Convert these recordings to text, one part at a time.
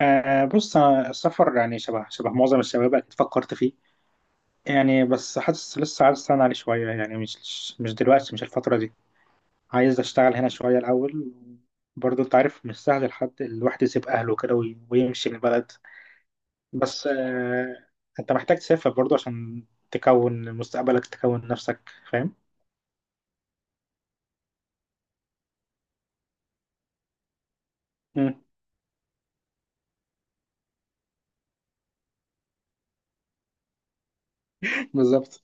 آه بص أنا السفر يعني شبه معظم الشباب أكيد فكرت فيه يعني. بس حاسس لسه عايز أستنى عليه شوية يعني، مش دلوقتي، مش الفترة دي. عايز أشتغل هنا شوية الأول. برضه أنت عارف مش سهل لحد الواحد يسيب أهله كده ويمشي من البلد. بس آه، أنت محتاج تسافر برضه عشان تكون مستقبلك، تكون نفسك. فاهم؟ مم. بالظبط.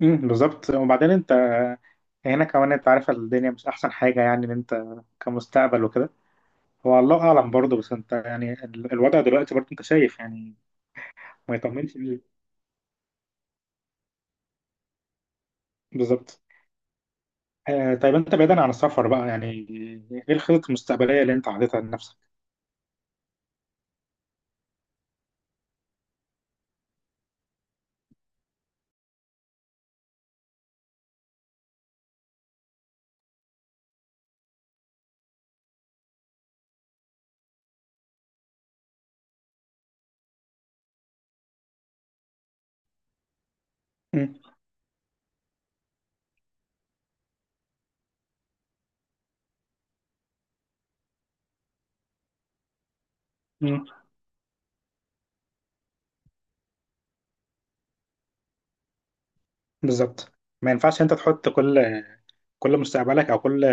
مم، بالظبط. وبعدين أنت هنا كمان أنت عارف الدنيا مش أحسن حاجة، يعني إن أنت كمستقبل وكده. هو الله اعلم برضه، بس انت يعني الوضع دلوقتي برضه انت شايف يعني ما يطمنش ليه. بالظبط. آه طيب انت بعيدا عن السفر بقى، يعني ايه الخطط المستقبليه اللي انت حاططها لنفسك؟ مم. مم. بالظبط. ما ينفعش انت تحط كل كل مستقبلك او كل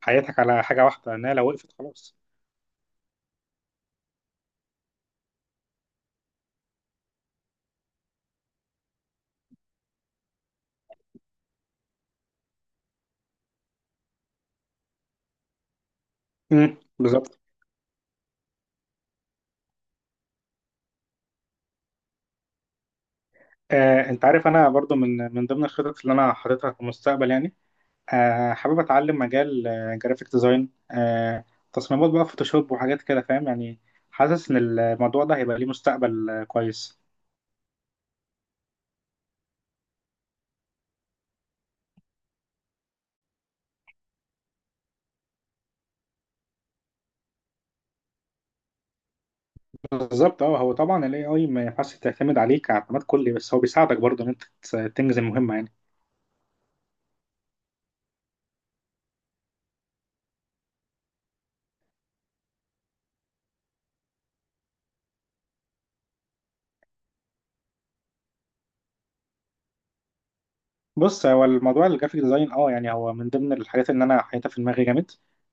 حياتك على حاجه واحده، لانها لو وقفت خلاص. مم. بالظبط. آه انت عارف انا برضه من ضمن الخطط اللي انا حاططها في المستقبل يعني، آه حابب اتعلم مجال جرافيك ديزاين، آه تصميمات بقى، فوتوشوب وحاجات كده، فاهم يعني. حاسس ان الموضوع ده هيبقى ليه مستقبل آه، كويس. بالظبط. اه هو طبعا الاي اي ما ينفعش تعتمد عليه كاعتماد كلي، بس هو بيساعدك برضه ان انت تنجز المهمه يعني. بص هو الموضوع الجرافيك ديزاين اه، يعني هو من ضمن الحاجات اللي انا حاططها في دماغي جامد.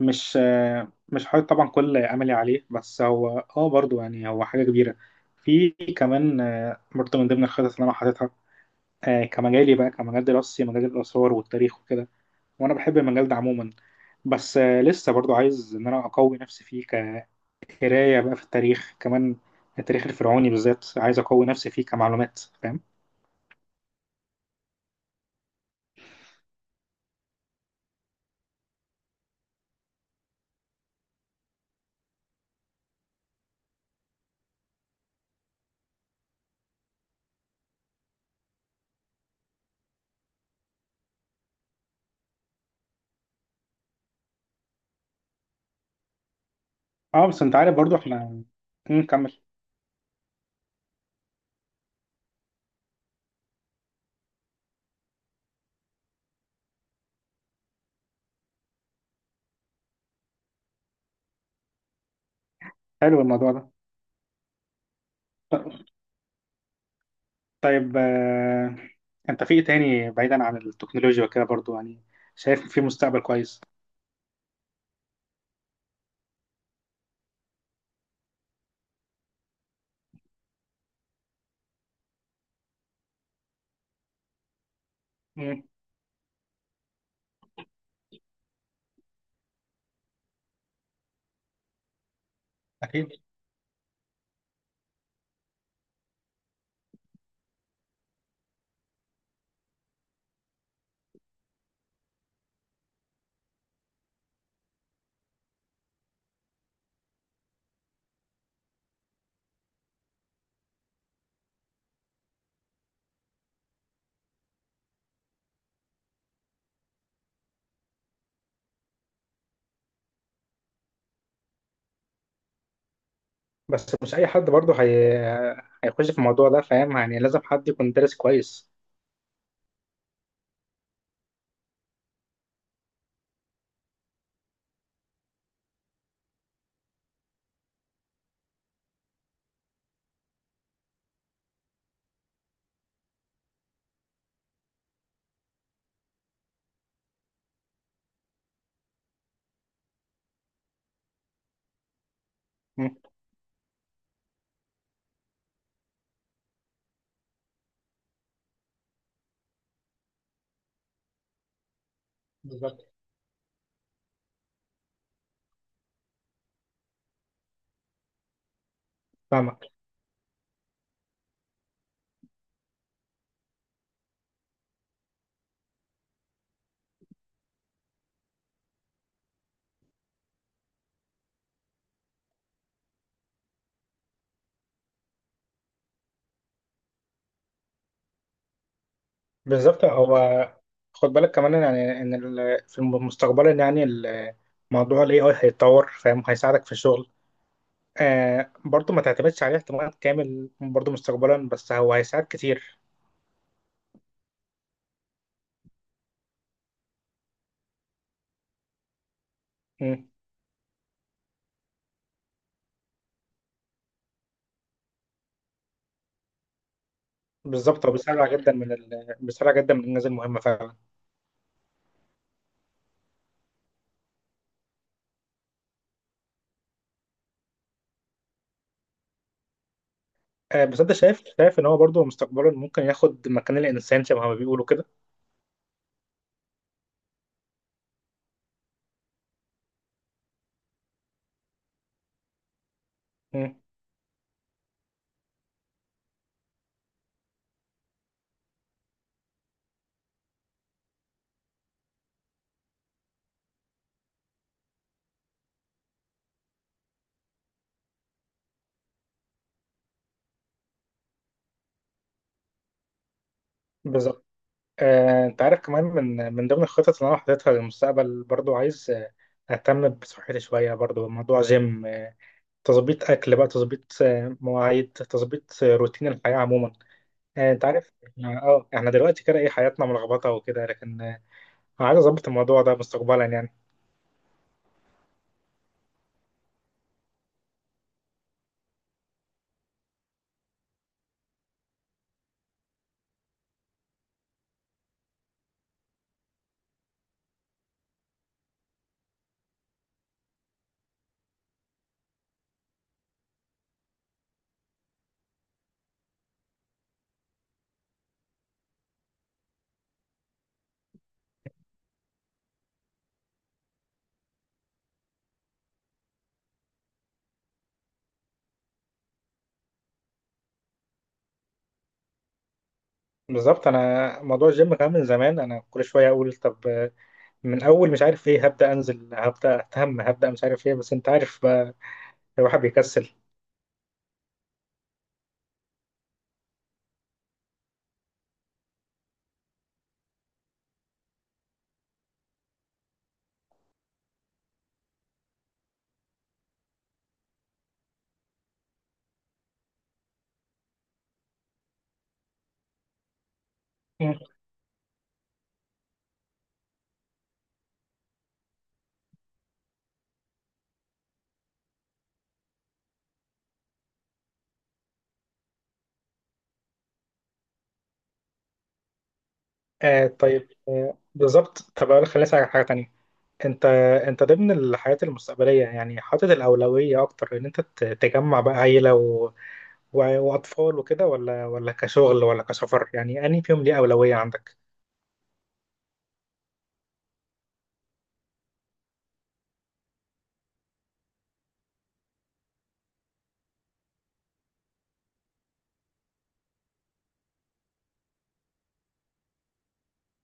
مش آه، مش حاطط طبعا كل املي عليه، بس هو اه برضه يعني هو حاجه كبيره. في كمان آه برضه من ضمن الخطط اللي انا حاططها آه، كمجالي بقى، كمجال دراستي، مجال الآثار والتاريخ وكده. وأنا بحب المجال ده عموما، بس آه، لسه برضو عايز إن أنا أقوي نفسي فيه، كقراية بقى في التاريخ. كمان التاريخ الفرعوني بالذات عايز أقوي نفسي فيه كمعلومات، فاهم. اه بس أنت عارف برضو إحنا نكمل. حلو الموضوع ده. ط- طيب آه، أنت في إيه تاني بعيدا عن التكنولوجيا وكده برضو، يعني شايف في مستقبل كويس. مم، أكيد. بس مش أي حد برضو هي هيخش في الموضوع ده، فاهم يعني لازم حد يكون دارس كويس. بالظبط. فاهمك. بالظبط. هو خد بالك كمان يعني ان في مستقبلا، يعني موضوع الاي اي هيتطور، فاهم هيساعدك في الشغل. آه برضه ما تعتمدش عليه اعتماد كامل برضه مستقبلا، بس هو هيساعد كتير. مم. بالظبط. هو بيسرع جدا من ال، بيسرع جدا من الانجاز المهمه فعلا. آه بس انت شايف، شايف ان هو برضه مستقبلا ممكن ياخد مكان الانسان، شبه ما بيقولوا كده. مم. بالظبط. آه، انت عارف كمان من ضمن الخطط اللي انا حاططها للمستقبل برضو، عايز آه، اهتم بصحتي شويه، برضو موضوع جيم آه، تظبيط اكل بقى، تظبيط آه، مواعيد، تظبيط آه، روتين الحياه عموما. آه، انت عارف احنا اه احنا دلوقتي كده ايه حياتنا ملخبطه وكده، لكن آه، عايز اظبط الموضوع ده مستقبلا يعني. بالظبط. انا موضوع الجيم كمان من زمان انا كل شويه اقول طب آه، من اول مش عارف ايه هبدا انزل، هبدا اهتم، هبدا مش عارف ايه، بس انت عارف بقى الواحد بيكسل. آه طيب آه بالظبط. طب اقول لك، خليني اسالك على حاجه تانية. انت، انت ضمن الحياه المستقبليه يعني حاطط الاولويه اكتر ان انت تجمع بقى عيله و و واطفال وكده، ولا ولا كشغل ولا كسفر، يعني انهي فيهم ليه اولويه عندك؟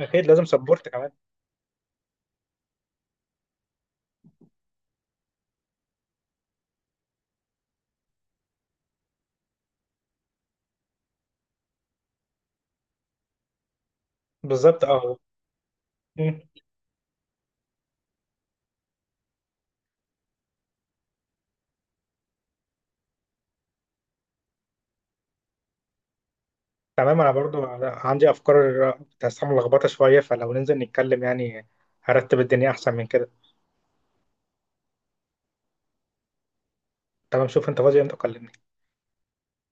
اكيد لازم سبورت كمان. بالظبط اه. مم. تمام انا برضو عندي افكار تحسها ملخبطه شويه، فلو ننزل نتكلم يعني هرتب الدنيا احسن من كده. تمام شوف انت فاضي امتى كلمني.